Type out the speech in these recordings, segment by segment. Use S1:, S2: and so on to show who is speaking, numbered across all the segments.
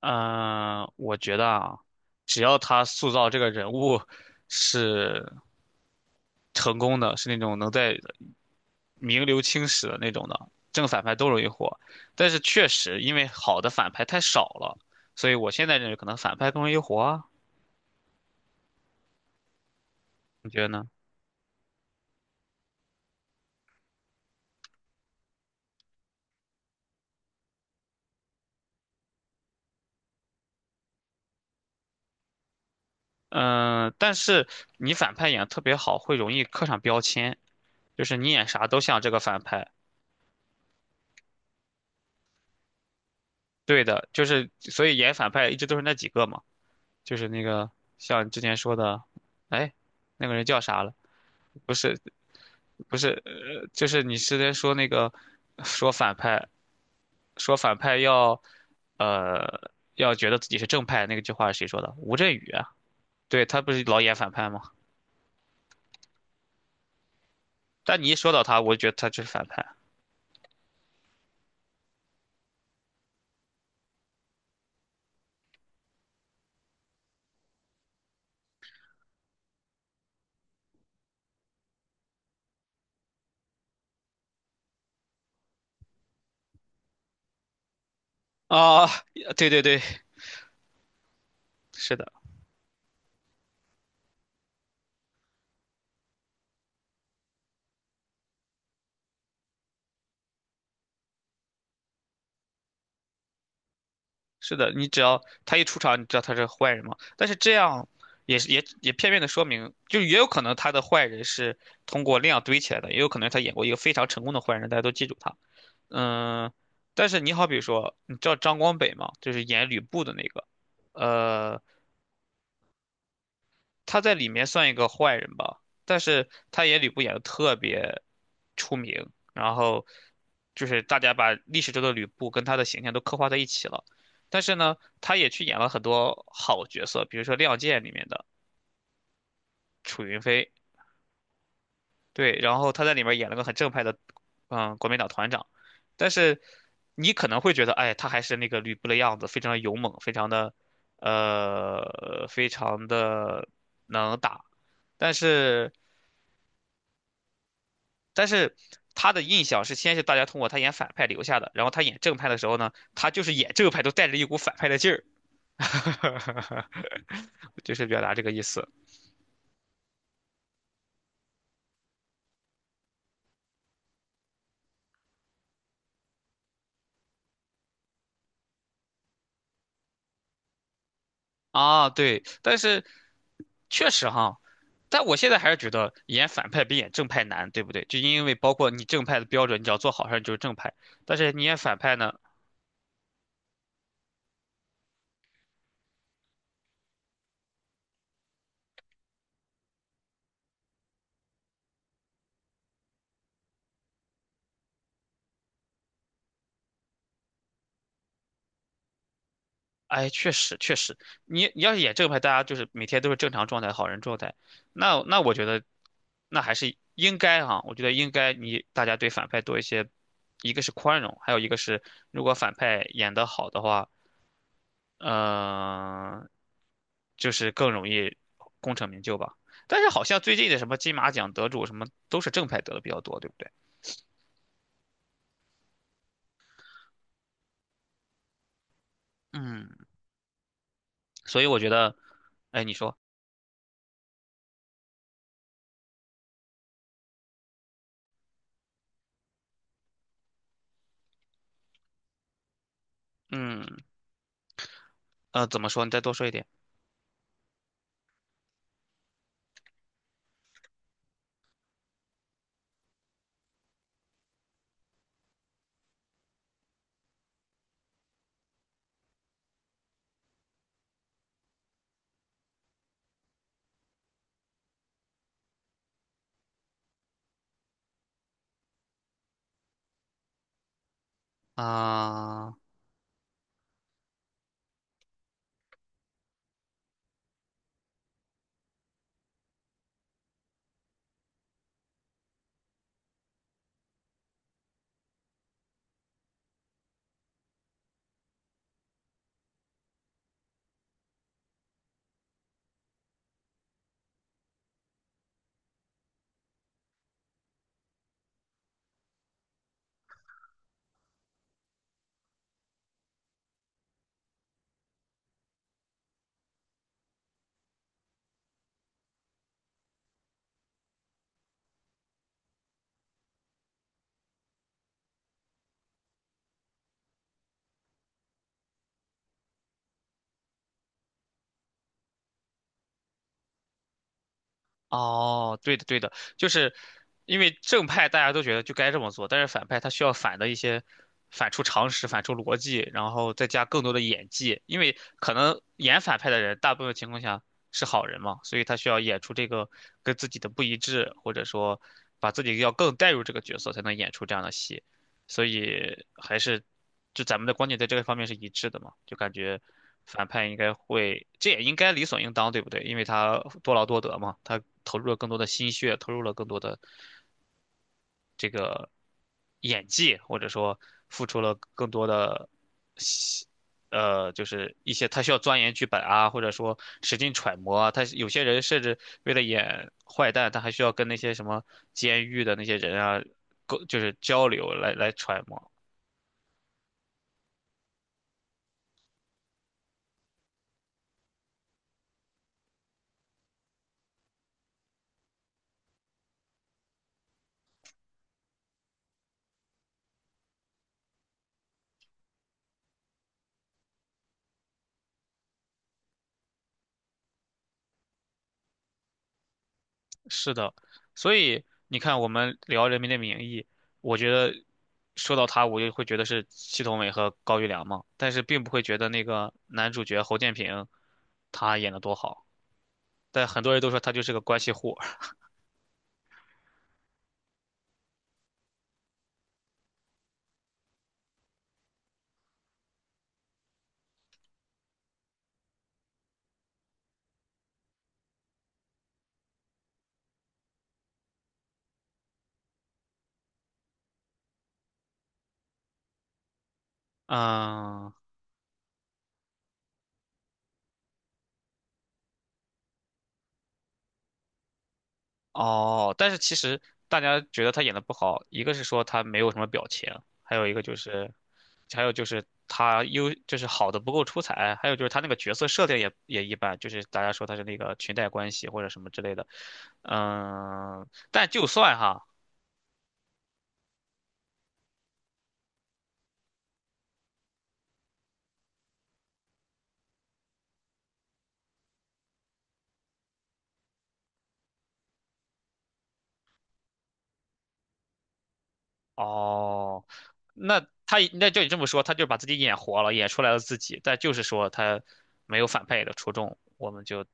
S1: 嗯，我觉得啊，只要他塑造这个人物是成功的，是那种能在名留青史的那种的，正反派都容易火。但是确实，因为好的反派太少了，所以我现在认为可能反派更容易火啊。你觉得呢？嗯，但是你反派演得特别好，会容易刻上标签，就是你演啥都像这个反派。对的，就是所以演反派一直都是那几个嘛。就是那个像之前说的，哎，那个人叫啥了？不是，不是，就是你之前说那个，说反派，说反派要，呃，要觉得自己是正派，那个句话是谁说的？吴镇宇啊，对，他不是老演反派吗？但你一说到他，我就觉得他就是反派啊，对对对，是的。是的，你只要他一出场，你知道他是坏人吗？但是这样也是片面的说明，就也有可能他的坏人是通过量堆起来的，也有可能他演过一个非常成功的坏人，大家都记住他。嗯，但是你好比说，你知道张光北吗？就是演吕布的那个，呃，他在里面算一个坏人吧，但是他演吕布演的特别出名，然后就是大家把历史中的吕布跟他的形象都刻画在一起了。但是呢，他也去演了很多好角色，比如说《亮剑》里面的楚云飞，对，然后他在里面演了个很正派的，国民党团长。但是你可能会觉得，哎，他还是那个吕布的样子，非常的勇猛，非常的，非常的能打，但是。但是他的印象是先是大家通过他演反派留下的，然后他演正派的时候呢，他就是演正派都带着一股反派的劲儿，就是表达这个意思啊。对，但是确实哈，但我现在还是觉得演反派比演正派难，对不对？就因为包括你正派的标准，你只要做好事儿你就是正派，但是你演反派呢？哎，确实确实，你要是演正派，大家就是每天都是正常状态、好人状态，那我觉得，那还是应该哈、我觉得应该你大家对反派多一些，一个是宽容，还有一个是如果反派演得好的话，嗯、就是更容易功成名就吧。但是好像最近的什么金马奖得主什么都是正派得的比较多，对不对？嗯，所以我觉得，哎，你说，嗯，怎么说？你再多说一点啊。哦，对的，对的，就是因为正派大家都觉得就该这么做，但是反派他需要反的一些，反出常识，反出逻辑，然后再加更多的演技，因为可能演反派的人大部分情况下是好人嘛，所以他需要演出这个跟自己的不一致，或者说把自己要更带入这个角色，才能演出这样的戏。所以还是就咱们的观点在这个方面是一致的嘛，就感觉反派应该会，这也应该理所应当，对不对？因为他多劳多得嘛，他投入了更多的心血，投入了更多的这个演技，或者说付出了更多的。就是一些他需要钻研剧本啊，或者说使劲揣摩啊。他有些人甚至为了演坏蛋，他还需要跟那些什么监狱的那些人啊，就是交流来揣摩。是的，所以你看，我们聊《人民的名义》，我觉得说到他，我就会觉得是祁同伟和高育良嘛，但是并不会觉得那个男主角侯建平他演的多好，但很多人都说他就是个关系户儿嗯，哦，但是其实大家觉得他演的不好，一个是说他没有什么表情，还有一个就是，还有就是他就是好的不够出彩，还有就是他那个角色设定也一般，就是大家说他是那个裙带关系或者什么之类的，嗯，但就算哈，哦，那他那就你这么说，他就把自己演活了，演出来了自己，但就是说他没有反派演的出众，就。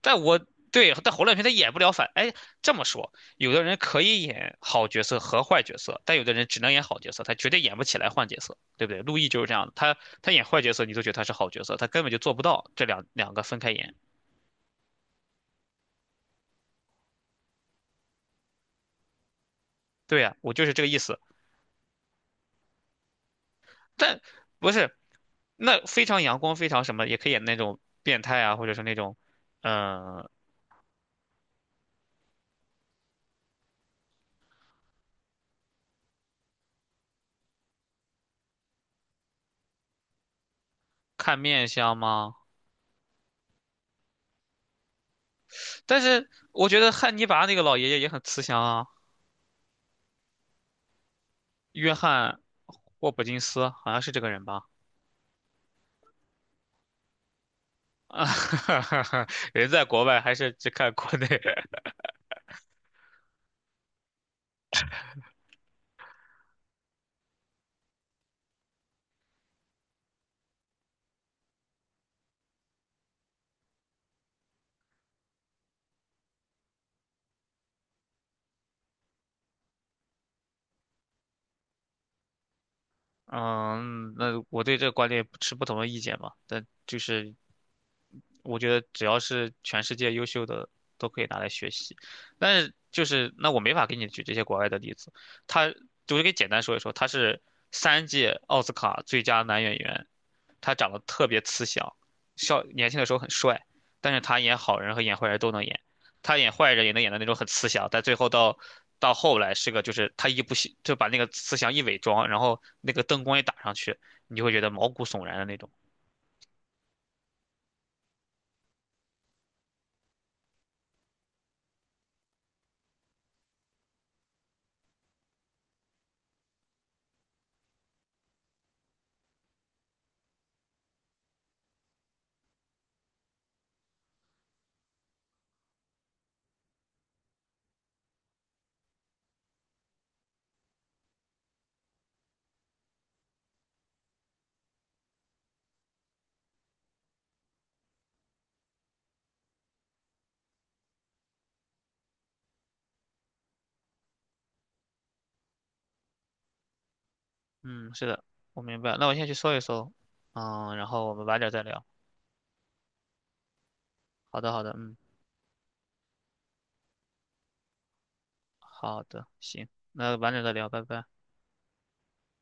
S1: 但我对，但侯亮平他演不了反。哎，这么说，有的人可以演好角色和坏角色，但有的人只能演好角色，他绝对演不起来坏角色，对不对？陆毅就是这样的，他演坏角色，你都觉得他是好角色，他根本就做不到这两个分开演。对呀、我就是这个意思。但不是，那非常阳光，非常什么，也可以演那种变态啊，或者是那种，嗯、看面相吗？但是我觉得汉尼拔那个老爷爷也很慈祥啊，约翰霍普金斯好像是这个人吧。啊，人在国外还是只看国内。嗯，那我对这个观点持不同的意见吧，但就是我觉得只要是全世界优秀的都可以拿来学习，但是就是那我没法给你举这些国外的例子，他我就给简单说一说，他是3届奥斯卡最佳男演员，他长得特别慈祥，笑年轻的时候很帅，但是他演好人和演坏人都能演。他演坏人也能演的那种很慈祥，但最后到后来是个就是他一不小就把那个慈祥一伪装，然后那个灯光一打上去，你就会觉得毛骨悚然的那种。嗯，是的，我明白。那我先去搜一搜，然后我们晚点再聊。好的，好的，嗯，好的，行，那晚点再聊，拜拜。